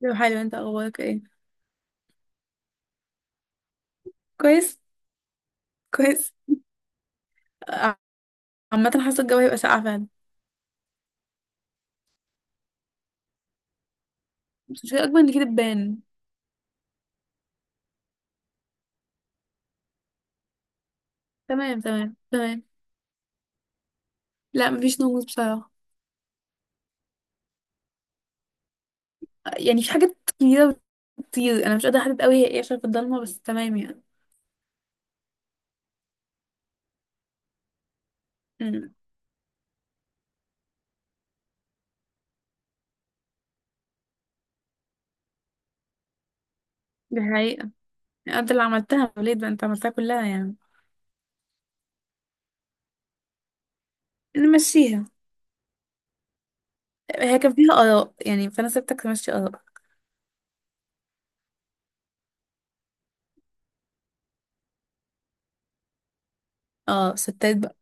لو حلو، انت اخبارك ايه؟ كويس. كويس. ع- عامة حاسة الجو هيبقى ساقع فعلا. بس مش هيبقى اكبر من كده تبان. تمام، تمام، تمام. لا مفيش نوموس بصراحة. يعني في حاجات كتيرة بتطير، انا مش قادرة احدد قوي هي ايه عشان في الضلمة، بس تمام يعني. امم دي حقيقة. يعني انت اللي عملتها وليد، بقى انت عملتها كلها يعني. نمشيها. هي كان فيها آراء يعني فانا سبتك تمشي آراء. اه، ستات بقى.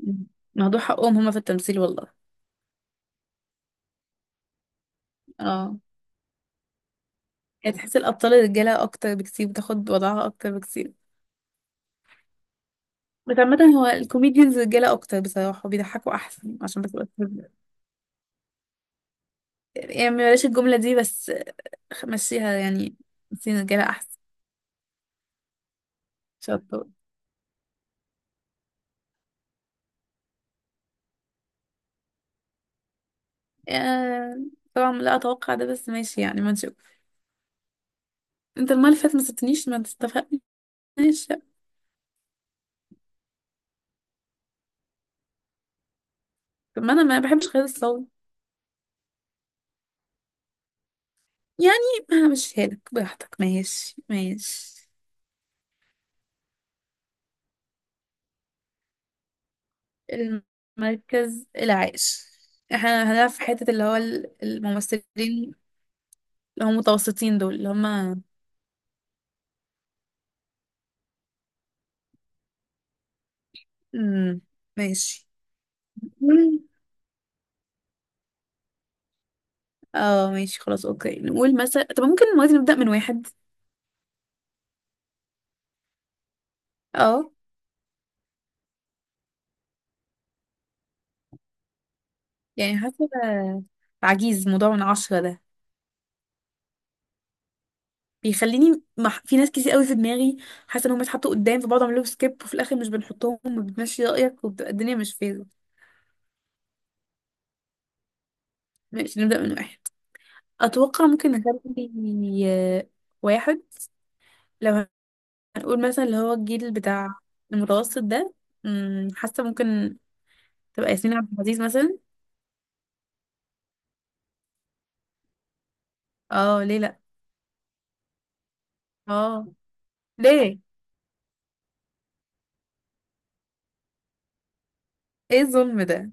مم. موضوع حقهم هما في التمثيل والله. اه. يعني تحس الأبطال الرجالة أكتر بكتير، بتاخد وضعها أكتر بكتير. بس عامة هو الكوميديانز رجالة أكتر بصراحة، بيضحكوا أحسن عشان بس. بلاش الجملة دي، بس مشيها يعني. مشيها، رجالة أحسن. شطور. آه، طبعا لا أتوقع ده، بس ماشي يعني، ما نشوف. أنت المرة اللي فاتت ما سبتنيش ما تستفقنيش. طب ما أنا ما بحبش غير الصوت. يعني همشيها لك براحتك، ماشي ماشي. المركز العاشر، احنا هنلعب في حتة اللي هو الممثلين اللي هم متوسطين دول اللي هم. مم، ماشي. مم. اه ماشي خلاص اوكي، نقول مثلا، طب ممكن دلوقتي نبدأ من واحد. اه. يعني حاسة عجيز موضوع من عشرة ده بيخليني في ناس كتير قوي في دماغي، حاسة انهم اتحطوا قدام فبقعد اعمل لهم سكيب، وفي الاخر مش بنحطهم وبتمشي رأيك وبتبقى الدنيا مش فايرة. ماشي، نبدأ من واحد. اتوقع ممكن نخلي، آه، واحد، لو هنقول مثلا اللي هو الجيل بتاع المتوسط ده. مم، حاسة ممكن تبقى ياسمين عبد العزيز مثلا. اه ليه لا؟ اه ليه؟ ايه الظلم ده؟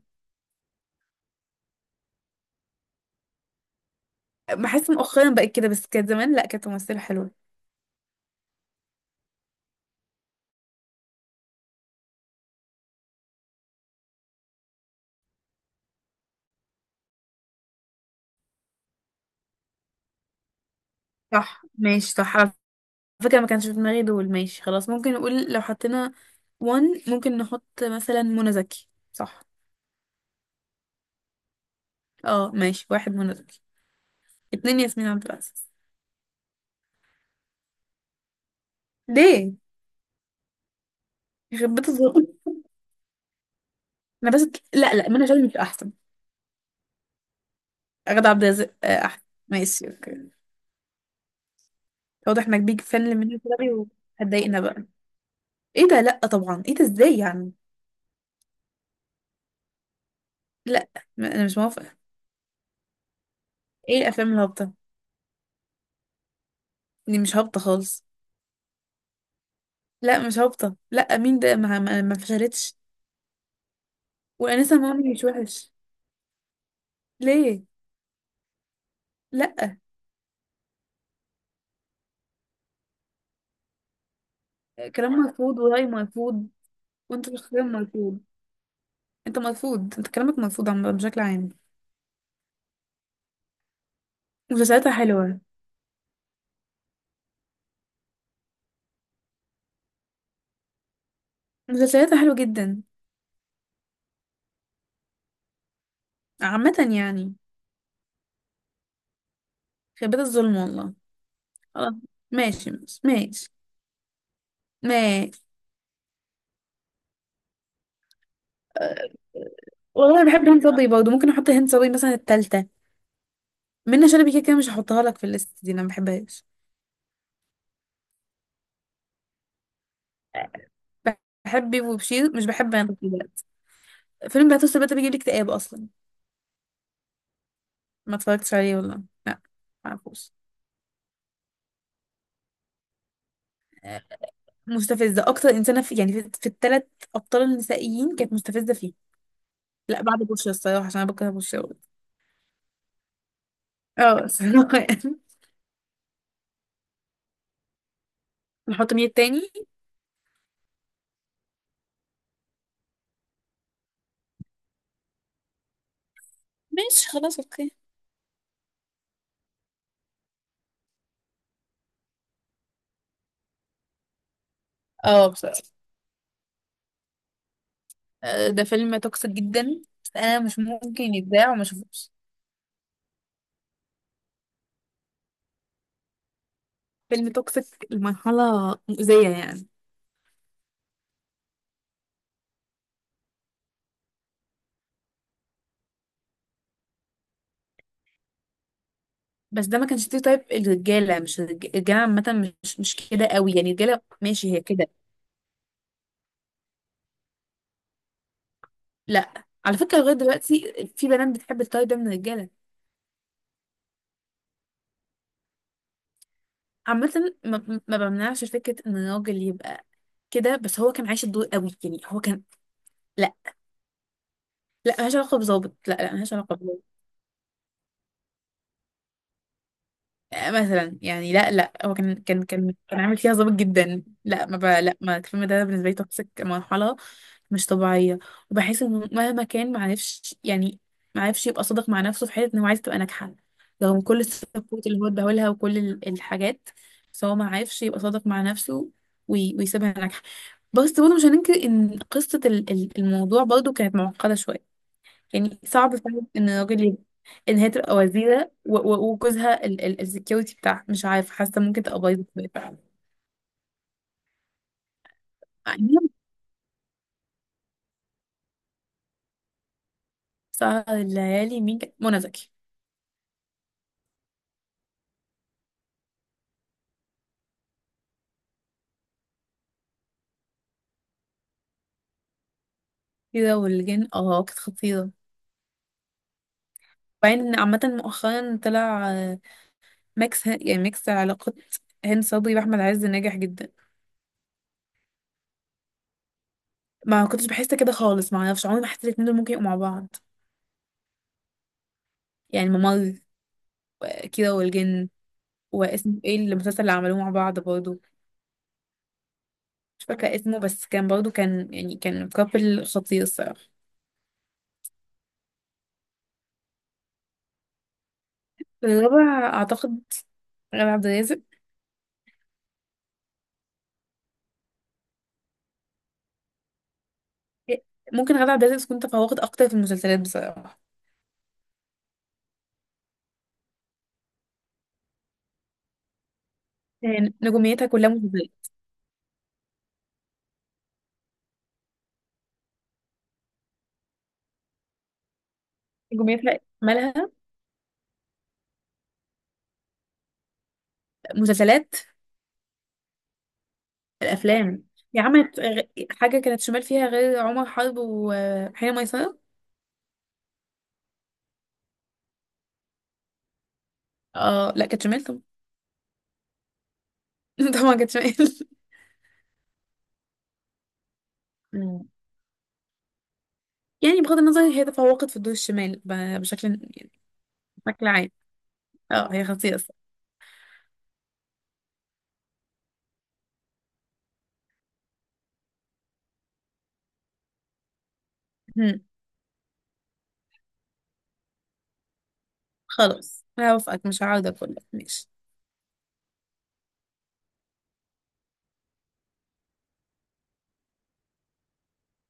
بحس مؤخرا بقت كده، بس كانت زمان لا، كانت ممثلة حلوة. صح، ماشي، صح على فكرة ما كانش في دماغي دول. ماشي خلاص، ممكن نقول لو حطينا وان ممكن نحط مثلا منى زكي، صح؟ اه ماشي، واحد منى زكي، اتنين ياسمين عبد العزيز. ليه؟ يخرب بيت الظلم. انا بس. لا لا، منى شلبي مش احسن. غادة عبد الرازق آه، احسن. ماشي اوكي. واضح انك بيج فان لمنى شلبي وهتضايقنا بقى. ايه ده؟ لا طبعا، ايه ده، ازاي يعني؟ لا، انا مش موافقة. ايه الافلام الهابطة؟ دي مش هابطة خالص. لا مش هابطة، لا، مين ده؟ ما فشلتش. وانسه مامي مش وحش. ليه؟ لا. كلام مرفوض ورأي مرفوض، وانت شخصيا مرفوض، انت مرفوض، انت كلامك مرفوض عم بشكل عام. مسلسلاتها حلوة. مسلسلاتها حلوة جدا. عامة يعني. خيبات الظلم والله. خلاص، ماشي ماشي ماشي. ماشي. أه، والله انا بحب هند صبري برضه، ممكن احط هند صبري مثلا التالتة. منة شلبي كده كده مش هحطها لك في الليست دي، انا ما بحبهاش. بحب بيبو وبشير، مش بحب انا فيلم بهتوت بقى، بيجيب لي اكتئاب اصلا. ما اتفرجتش عليه والله. لا، معرفوش. آه، مستفزه اكتر انسانه في يعني في الثلاث ابطال النسائيين، كانت مستفزه فيه. لا بعد بوشي الصراحه، عشان انا بكره بوشي أوي. اه الصراحه يعني. نحط مين التاني؟ ماشي خلاص اوكي. اه بصراحه آه، ده فيلم توكسيك جدا، بس انا مش ممكن يتذاع وما اشوفوش. فيلم توكسيك لمرحله مؤذيه يعني. بس ده ما كانش تايب الرجاله، مش الرجاله عامه مش مش كده قوي يعني، الرجاله ماشي هي كده. لا على فكره لغايه دلوقتي في بنات بتحب التاي ده من الرجاله. عامه ما بمنعش فكره ان الراجل يبقى كده، بس هو كان عايش الدور قوي يعني هو كان. لا. لا ملهاش علاقه بظابط، لا لا ملهاش علاقه. آه، مثلا يعني لا لا، هو كان عامل فيها ظابط جدا، لا ما بقى لا، ما الفيلم ده بالنسبه لي توكسيك مرحله مش طبيعيه. وبحس انه مهما كان ما عرفش يعني ما عرفش يبقى صادق مع نفسه في حته انه عايز تبقى ناجحه، رغم كل السبورت اللي هو اداهولها وكل الحاجات. بس هو ما عرفش يبقى صادق مع نفسه ويسيبها ناجحه. بس برضه مش هننكر ان قصه الموضوع برضه كانت معقده شويه. يعني صعب فعلا ان الراجل يبقى، ان هي تبقى وزيرة و وجوزها السكيورتي بتاعها، مش عارفة، حاسة ممكن تبقى بايظة شوية. فعلا. بعدين سهر الليالي مين كان، منى زكي. كده والجن اه كانت خطيرة. وبعدين إن عامة مؤخرا طلع آه، ميكس يعني ميكس علاقات هند صبري واحمد عز ناجح جدا. ما كنتش بحس كده خالص، ما اعرفش، عمري ما حسيت الاتنين دول ممكن يبقوا مع بعض. يعني ممر، و كده والجن. واسمه ايه المسلسل اللي عملوه مع بعض برضه؟ مش فاكرة اسمه، بس كان برضو كان يعني كان كابل خطير الصراحة. الرابع أعتقد غادة عبد الرازق. ممكن غادة عبد الرازق تكون تفوقت أكتر في المسلسلات بصراحة. يعني نجوميتها كلها مسلسلات. نجوميتها مالها. مسلسلات. الأفلام. هي عملت حاجة كانت شمال فيها غير عمر حرب وحين ميسرة. اه لا كانت شمال طبعا. طبعا كانت شمال. مم. يعني بغض النظر هي تفوقت في الدور الشمال بشكل يعني، بشكل عام. اه هي خطيرة. الصراحة خلاص هوافقك، مش هعاود اقول لك، ماشي.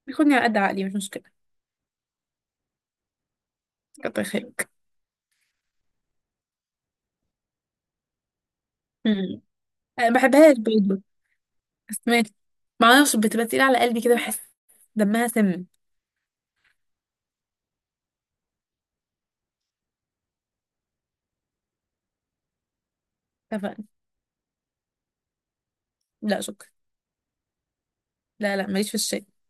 بيخوني على قد عقلي مش مشكلة. كتر خيرك. مم. أنا ما بحبهاش برضه، بس ماشي. معرفش بتبقى تقيلة على قلبي كده بحس، دمها سم. اتفقنا. لا شكرا. لا لا ماليش في الشاي.